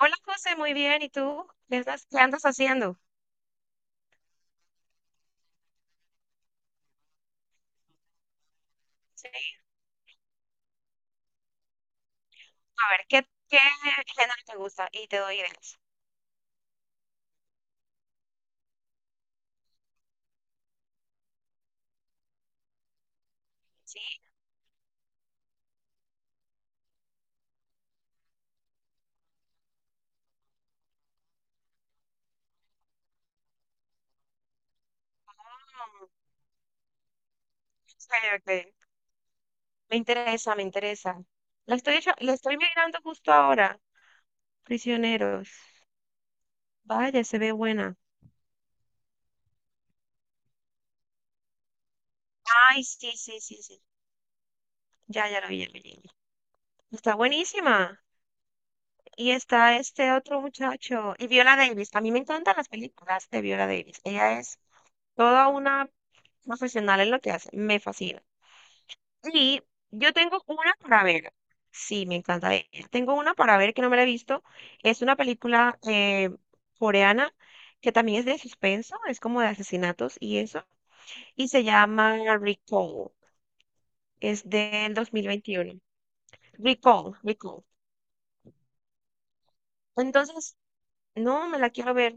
Hola José, muy bien. ¿Y tú? ¿Qué andas haciendo? Sí, a ver, ¿qué género te gusta? Y te doy ideas. Sí. Mm. Ok, ok. Me interesa, me interesa. La estoy mirando justo ahora. Prisioneros. Vaya, se ve buena. Ay, sí, sí, sí, sí. Ya, ya lo vi, ya lo vi. Está buenísima. Y está este otro muchacho. Y Viola Davis. A mí me encantan las películas de Viola Davis. Ella es toda una profesional en lo que hace. Me fascina. Y yo tengo una para ver. Sí, me encanta. Tengo una para ver que no me la he visto. Es una película coreana que también es de suspenso, es como de asesinatos y eso. Y se llama Recall. Es del 2021. Recall, Recall. Entonces, no me la quiero ver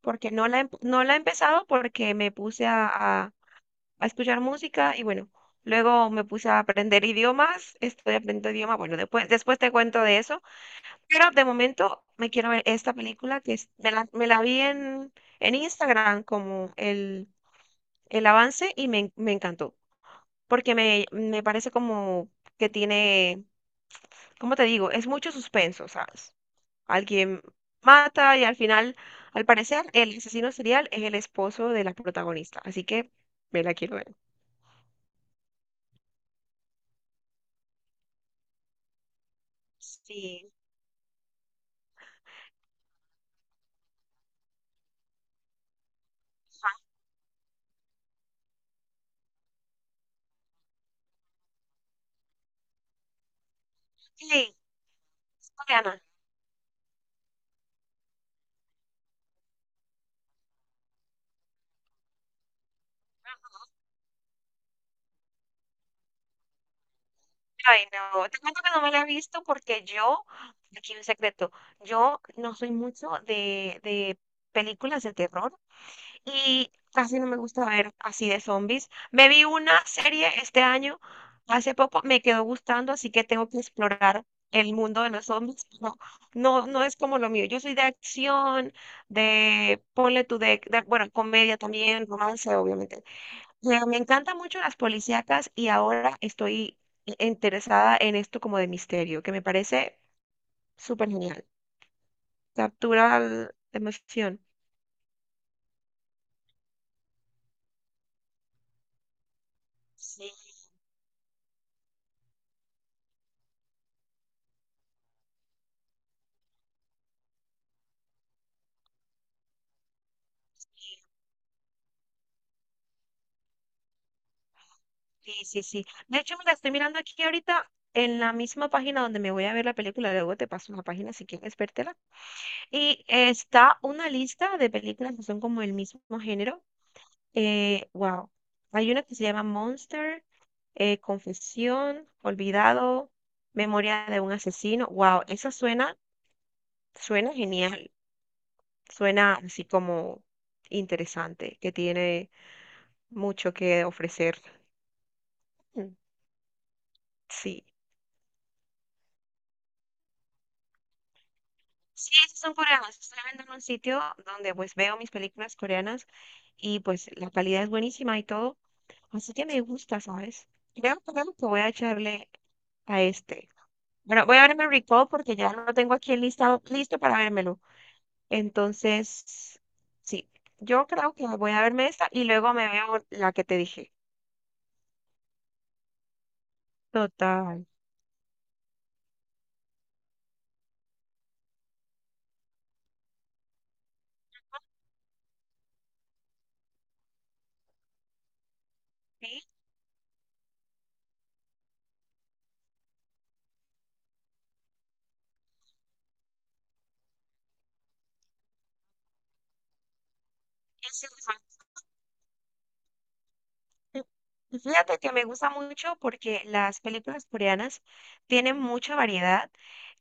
porque no la he empezado porque me puse a escuchar música y bueno. Luego me puse a aprender idiomas, estoy aprendiendo idiomas. Bueno, después te cuento de eso. Pero de momento me quiero ver esta película me la vi en Instagram como el avance y me encantó. Porque me parece como que tiene, ¿cómo te digo? Es mucho suspenso, ¿sabes? Alguien mata y al final, al parecer, el asesino serial es el esposo de la protagonista. Así que me la quiero ver. Sí. Sí, es coreana. Ay, no, te cuento que no me la he visto porque yo, aquí un secreto, yo no soy mucho de películas de terror y casi no me gusta ver así de zombies. Me vi una serie este año, hace poco me quedó gustando, así que tengo que explorar el mundo de los zombies. No, no, no es como lo mío. Yo soy de acción, de, ponle tú, de, bueno, comedia también, romance, obviamente. Me encantan mucho las policíacas y ahora estoy interesada en esto como de misterio, que me parece súper genial. Captura la emoción. Sí, sí, sí, sí. De hecho, me la estoy mirando aquí ahorita en la misma página donde me voy a ver la película. Luego te paso la página si quieres vértela. Y está una lista de películas que son como el mismo género. Wow. Hay una que se llama Monster, Confesión, Olvidado, Memoria de un asesino. Wow, esa suena, suena genial. Suena así como interesante, que tiene mucho que ofrecer. Mm. Sí. Sí, esas son coreanas. Estoy viendo en un sitio donde pues veo mis películas coreanas y pues la calidad es buenísima y todo. Así que me gusta, ¿sabes? Creo que voy a echarle a este. Bueno, voy a verme el recall porque ya lo tengo aquí en listado, listo para vérmelo. Entonces, sí, yo creo que voy a verme esta y luego me veo la que te dije. Total. Sí, ese es. Sí, y fíjate que me gusta mucho porque las películas coreanas tienen mucha variedad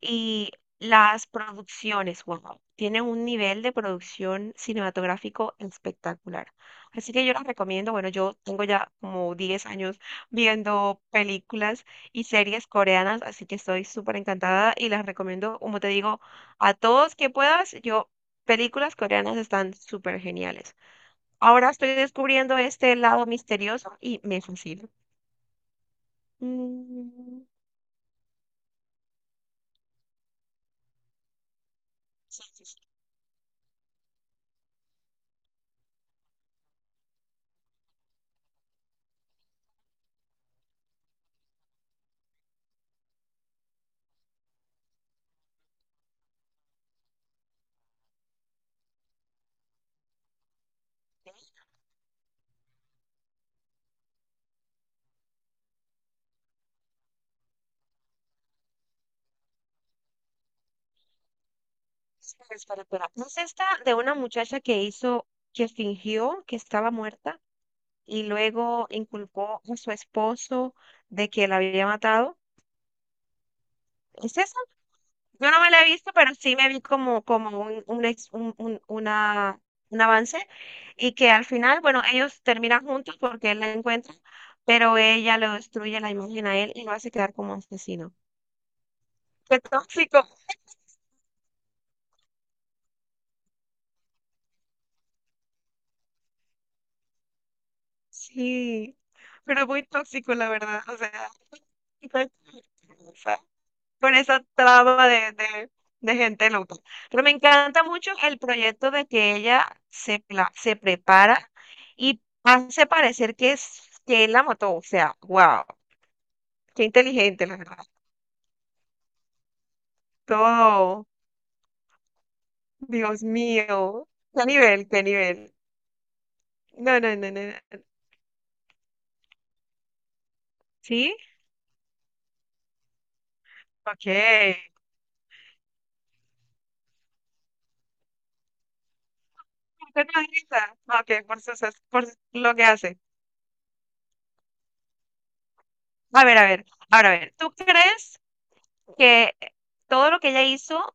y las producciones, wow, tienen un nivel de producción cinematográfico espectacular. Así que yo las recomiendo. Bueno, yo tengo ya como 10 años viendo películas y series coreanas, así que estoy súper encantada y las recomiendo, como te digo, a todos que puedas. Yo, películas coreanas están súper geniales. Ahora estoy descubriendo este lado misterioso y me fascina. Mm, sí, sí, sí. Espera, espera, espera. ¿No es esta de una muchacha que fingió que estaba muerta y luego inculpó a su esposo de que la había matado? ¿Es esa? Yo no me la he visto, pero sí me vi como un ex- un- una, un avance y que al final, bueno, ellos terminan juntos porque él la encuentra, pero ella le destruye la imagen a él y lo hace quedar como asesino. Qué tóxico, sí, pero muy tóxico, la verdad. O sea, con esa traba de gente loca. Pero me encanta mucho el proyecto de que se prepara y hace parecer que es que él la mató. O sea, wow, qué inteligente, la verdad. Todo, Dios mío, qué nivel, qué nivel. No, no, no, no, no. ¿Sí? Ok. ¿Por qué no grita? Ok, por lo que hace. A ver, ahora a ver, ¿tú crees que todo lo que ella hizo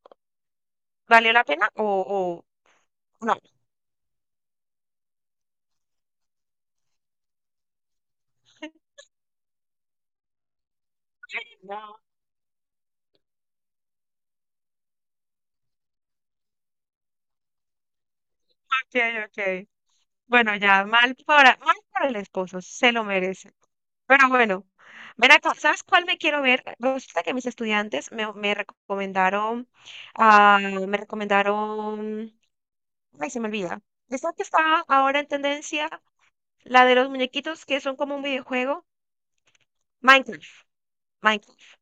valió la pena o no? No. Ok, ok. Bueno, ya, mal para el esposo, se lo merece. Pero bueno, ven acá, ¿sabes cuál me quiero ver? Resulta que mis estudiantes me recomendaron, ay, se me olvida. Esta que está ahora en tendencia, la de los muñequitos que son como un videojuego, Minecraft. Minecraft.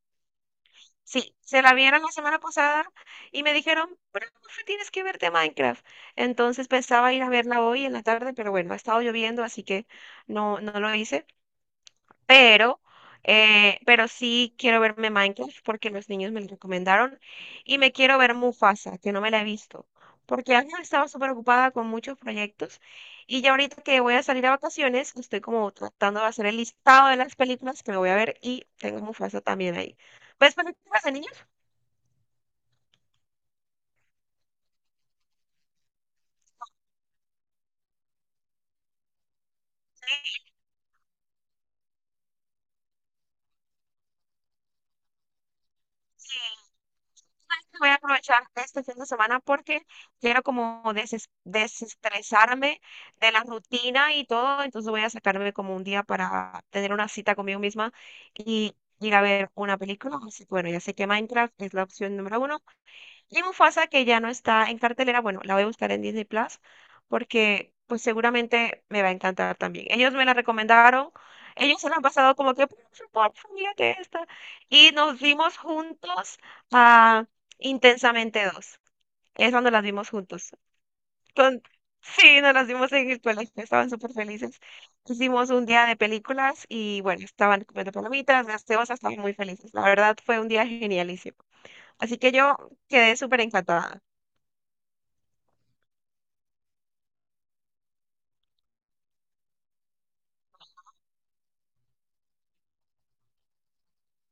Sí, se la vieron la semana pasada y me dijeron, pero Mafe, tienes que verte Minecraft. Entonces pensaba ir a verla hoy en la tarde, pero bueno, ha estado lloviendo, así que no, no lo hice. Pero, pero sí quiero verme Minecraft porque los niños me lo recomendaron y me quiero ver Mufasa, que no me la he visto, porque antes estaba súper ocupada con muchos proyectos y ya ahorita que voy a salir a vacaciones, estoy como tratando de hacer el listado de las películas que me voy a ver y tengo Mufasa también ahí. ¿Ves películas de niños? Sí. Voy a aprovechar este fin de semana porque quiero como desestresarme de la rutina y todo, entonces voy a sacarme como un día para tener una cita conmigo misma y ir a ver una película. Así que bueno, ya sé que Minecraft es la opción número uno. Y Mufasa, que ya no está en cartelera, bueno, la voy a buscar en Disney Plus porque pues seguramente me va a encantar también. Ellos me la recomendaron, ellos se la han pasado como que, por favor, mírate esta. Y nos vimos juntos a Intensamente 2. Es cuando las vimos juntos. Con... Sí, nos las vimos en el colegio, estaban súper felices. Hicimos un día de películas y bueno, estaban comiendo palomitas, gaseosas, estaban muy felices. La verdad fue un día genialísimo. Así que yo quedé súper encantada.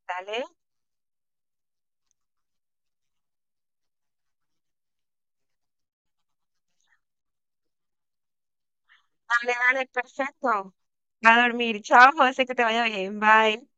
Dale, dale, dale, perfecto. A dormir. Chao, José, que te vaya bien. Bye.